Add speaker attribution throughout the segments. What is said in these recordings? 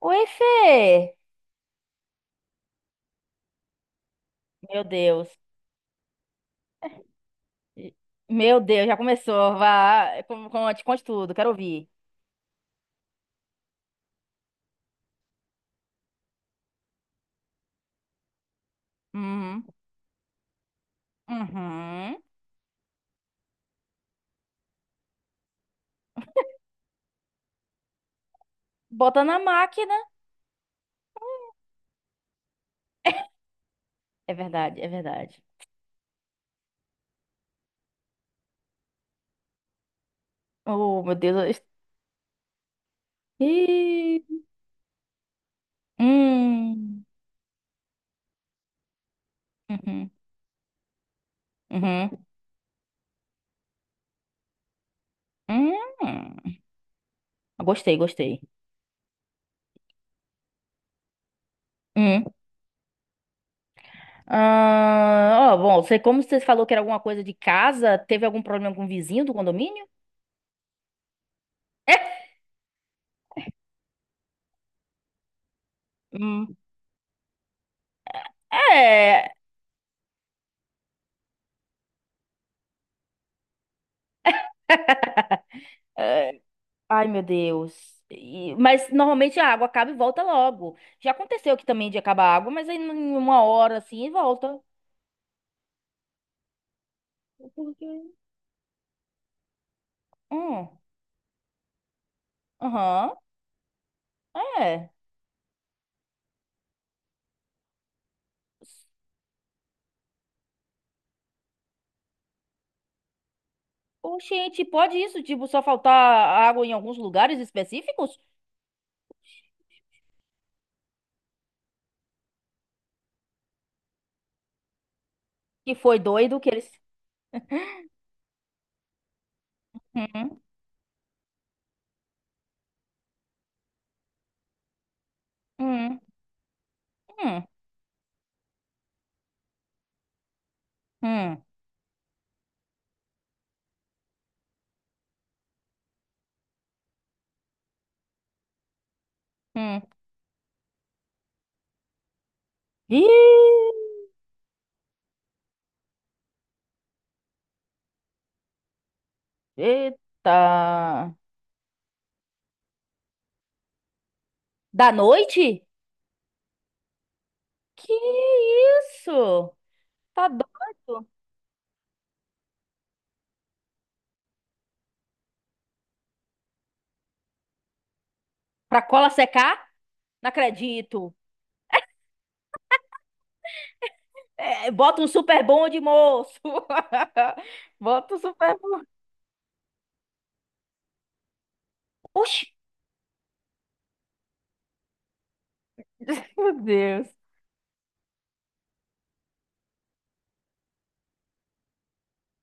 Speaker 1: Oi, Fê! Meu Deus. Meu Deus, já começou. Vá, conte, conte tudo, quero ouvir. Uhum. Uhum. Bota na máquina. É verdade, é verdade. Oh, meu Deus. Ih. Hum. Uhum. Uhum. Hum. Gostei, gostei. Hum. Ah, ó, bom, como você falou que era alguma coisa de casa, teve algum problema com o vizinho do condomínio? Hum. É. é, Ai, meu Deus. Mas normalmente a água acaba e volta logo. Já aconteceu aqui também de acabar a água, mas aí em uma hora assim volta. Porque Hum, aham, é. Oxente, pode isso? Tipo, só faltar água em alguns lugares específicos? Que foi doido que eles. Hum, hum, hum, hum, hum. Ih, eita. Da noite? Que isso? Tá doido? Pra cola secar? Não acredito. É, bota um super bonde, moço. Bota um super bonde. Oxi, meu Deus.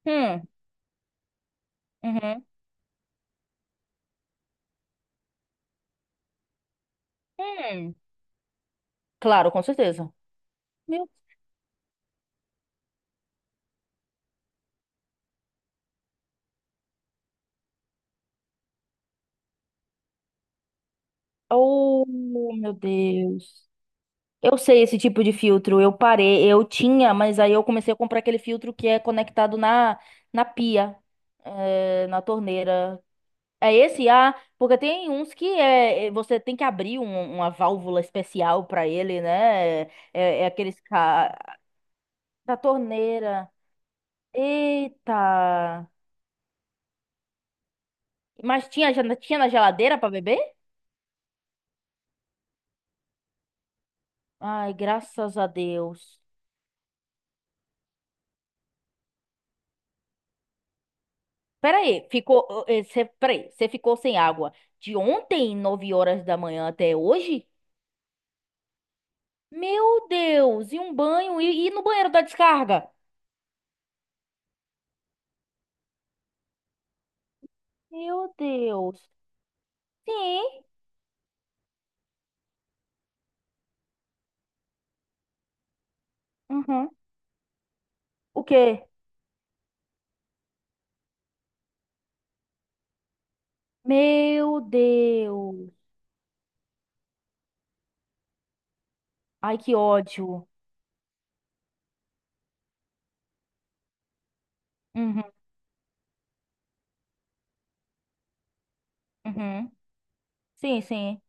Speaker 1: Hum, uhum, hum. Claro, com certeza. Meu... Oh, meu Deus. Eu sei esse tipo de filtro. Eu parei, eu tinha, mas aí eu comecei a comprar aquele filtro que é conectado na pia, é, na torneira. É esse? Ah, porque tem uns que você tem que abrir uma válvula especial pra ele, né? É, é aqueles. Da torneira. Eita! Mas tinha, já tinha na geladeira pra beber? Ai, graças a Deus. Peraí, ficou. Cê, peraí, você ficou sem água de ontem, 9 horas da manhã até hoje? Meu Deus! E um banho? E no banheiro da descarga? Meu Deus! Sim! Uhum. O quê? Meu Deus! Ai, que ódio! Uhum, uhum. Sim, sim.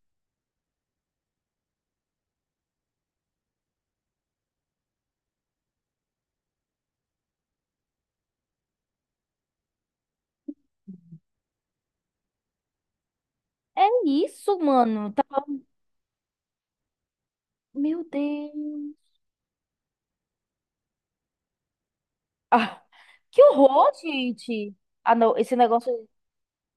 Speaker 1: É isso, mano. Tá... Meu Deus! Ah, que horror, gente! Ah, não, esse negócio.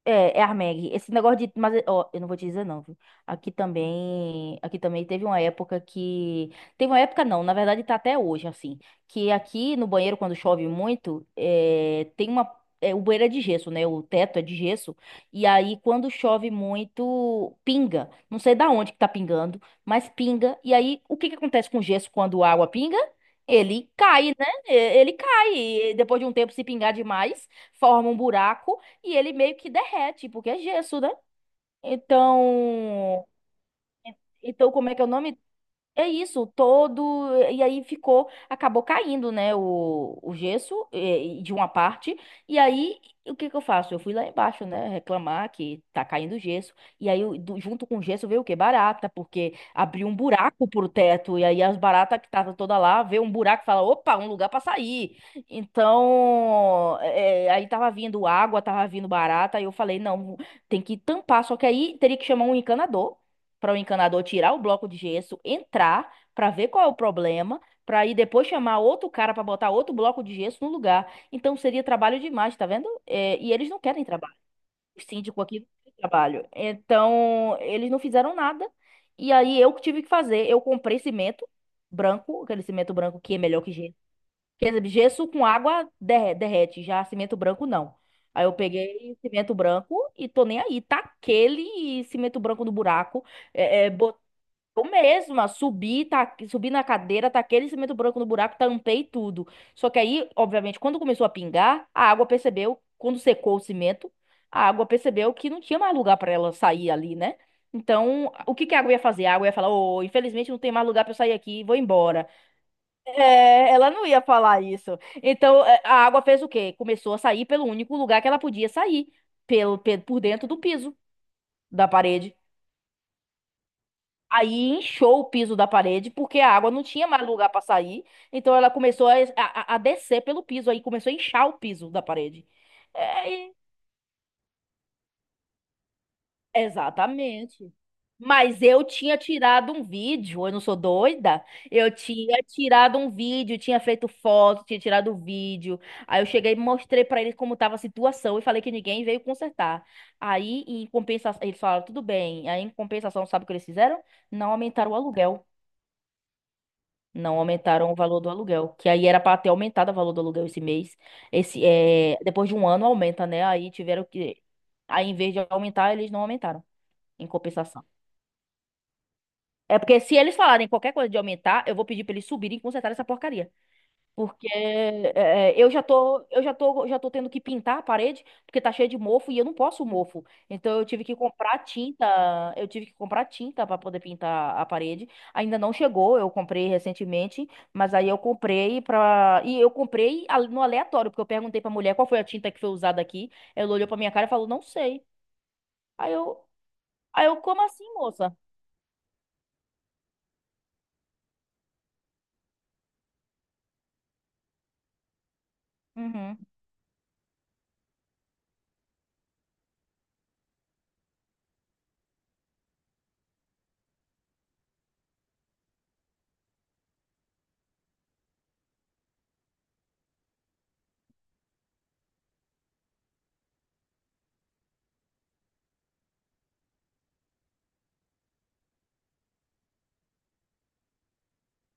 Speaker 1: É, é Armeg. Esse negócio de. Mas, ó, eu não vou te dizer não, viu? Aqui também. Aqui também teve uma época que. Teve uma época não, na verdade tá até hoje, assim. Que aqui no banheiro, quando chove muito, é, tem uma. É, o banheiro é de gesso, né? O teto é de gesso. E aí, quando chove muito, pinga. Não sei da onde que tá pingando, mas pinga. E aí, o que que acontece com o gesso quando a água pinga? Ele cai, né? Ele cai. E depois de um tempo, se pingar demais, forma um buraco. E ele meio que derrete, porque é gesso, né? Então, então como é que é o nome? É isso, todo. E aí ficou. Acabou caindo, né? O gesso eh, de uma parte. E aí, o que que eu faço? Eu fui lá embaixo, né? Reclamar que tá caindo gesso. E aí, junto com o gesso, veio o quê? Barata, porque abriu um buraco pro teto. E aí, as baratas que estavam toda lá, vê um buraco e fala: opa, um lugar pra sair. Então, aí tava vindo água, tava vindo barata. E eu falei: não, tem que tampar. Só que aí teria que chamar um encanador para o encanador tirar o bloco de gesso, entrar para ver qual é o problema, para aí depois chamar outro cara para botar outro bloco de gesso no lugar. Então seria trabalho demais, tá vendo? É, e eles não querem trabalho. O síndico aqui não quer trabalho. Então eles não fizeram nada. E aí eu que tive que fazer. Eu comprei cimento branco, aquele cimento branco que é melhor que gesso. Quer dizer, gesso com água derrete, já cimento branco não. Aí eu peguei cimento branco e tô nem aí. Tá aquele cimento branco no buraco. É, é, eu mesma subi, tá, subi na cadeira, taquei aquele cimento branco no buraco, tampei tudo. Só que aí, obviamente, quando começou a pingar, a água percebeu, quando secou o cimento, a água percebeu que não tinha mais lugar para ela sair ali, né? Então, o que que a água ia fazer? A água ia falar: "Ô, infelizmente não tem mais lugar para eu sair aqui, vou embora". É, ela não ia falar isso. Então, é, a água fez o quê? Começou a sair pelo único lugar que ela podia sair, pelo, por dentro do piso da parede. Aí inchou o piso da parede, porque a água não tinha mais lugar para sair. Então ela começou a descer pelo piso, aí começou a inchar o piso da parede. É, exatamente. Mas eu tinha tirado um vídeo, eu não sou doida. Eu tinha tirado um vídeo, tinha feito foto, tinha tirado o vídeo. Aí eu cheguei e mostrei para eles como estava a situação e falei que ninguém veio consertar. Aí, em compensação, eles falaram, tudo bem. Aí, em compensação, sabe o que eles fizeram? Não aumentaram o aluguel. Não aumentaram o valor do aluguel, que aí era para ter aumentado o valor do aluguel esse mês. Esse é, depois de um ano aumenta, né? Aí tiveram que aí em vez de aumentar, eles não aumentaram em compensação. É porque se eles falarem qualquer coisa de aumentar, eu vou pedir para eles subirem e consertarem essa porcaria. Porque é, já tô tendo que pintar a parede, porque tá cheio de mofo e eu não posso mofo. Então eu tive que comprar tinta, eu tive que comprar tinta para poder pintar a parede. Ainda não chegou, eu comprei recentemente, mas aí eu comprei pra. E eu comprei no aleatório, porque eu perguntei pra mulher qual foi a tinta que foi usada aqui. Ela olhou pra minha cara e falou: "Não sei". Aí eu, aí eu, como assim, moça? Uhum.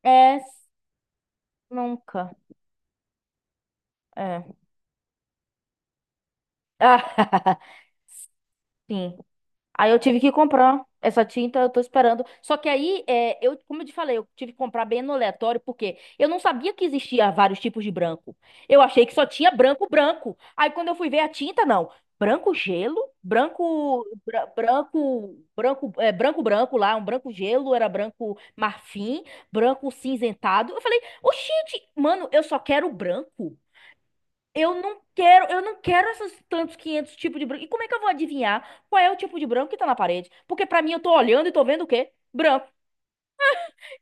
Speaker 1: É, nunca. É. Ah, sim. Aí eu tive que comprar essa tinta, eu tô esperando. Só que aí, é, eu, como eu te falei, eu tive que comprar bem no aleatório, porque eu não sabia que existia vários tipos de branco. Eu achei que só tinha branco branco. Aí quando eu fui ver a tinta, não. Branco gelo, branco, branco, é, branco branco lá, um branco gelo, era branco marfim, branco cinzentado. Eu falei, oxente, mano, eu só quero branco. Eu não quero esses tantos 500 tipos de branco. E como é que eu vou adivinhar qual é o tipo de branco que tá na parede? Porque pra mim eu tô olhando e tô vendo o quê? Branco.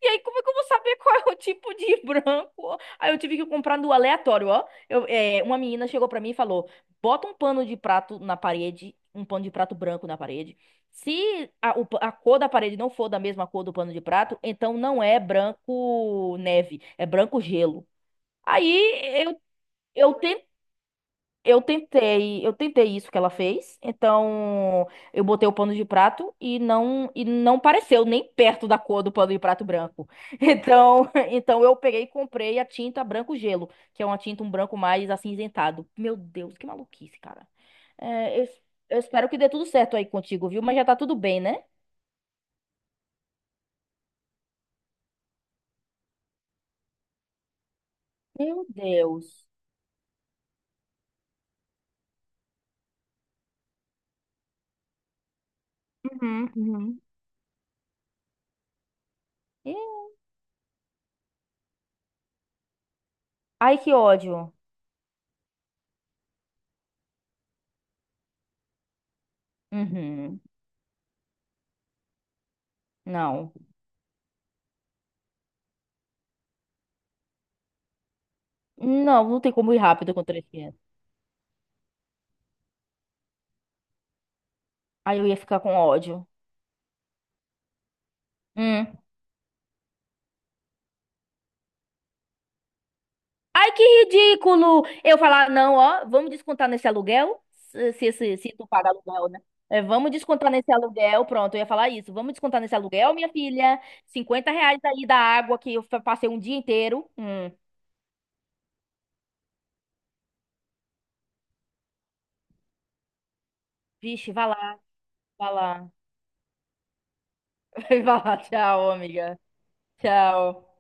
Speaker 1: E aí como é que eu vou saber qual é o tipo de branco? Aí eu tive que comprar no aleatório, ó. Eu, é, uma menina chegou pra mim e falou: "Bota um pano de prato na parede, um pano de prato branco na parede. Se a cor da parede não for da mesma cor do pano de prato, então não é branco neve, é branco gelo." Aí eu eu tentei isso que ela fez. Então, eu botei o pano de prato e não pareceu nem perto da cor do pano de prato branco. Então eu peguei e comprei a tinta branco gelo, que é uma tinta um branco mais acinzentado. Meu Deus, que maluquice, cara. É, eu espero que dê tudo certo aí contigo, viu? Mas já tá tudo bem, né? Meu Deus. Uhum, uhum. Ih, Ai, que ódio. Uhum. Não. Não, não tem como ir rápido contra esse. Aí eu ia ficar com ódio. Hum. Ai, que ridículo! Eu falar, não, ó, vamos descontar nesse aluguel, se tu paga aluguel, né? É, vamos descontar nesse aluguel, pronto, eu ia falar isso. Vamos descontar nesse aluguel, minha filha. R$ 50 aí da água que eu passei um dia inteiro. Hum. Vixe, vai lá, vai lá. Vai lá, tchau, amiga. Tchau.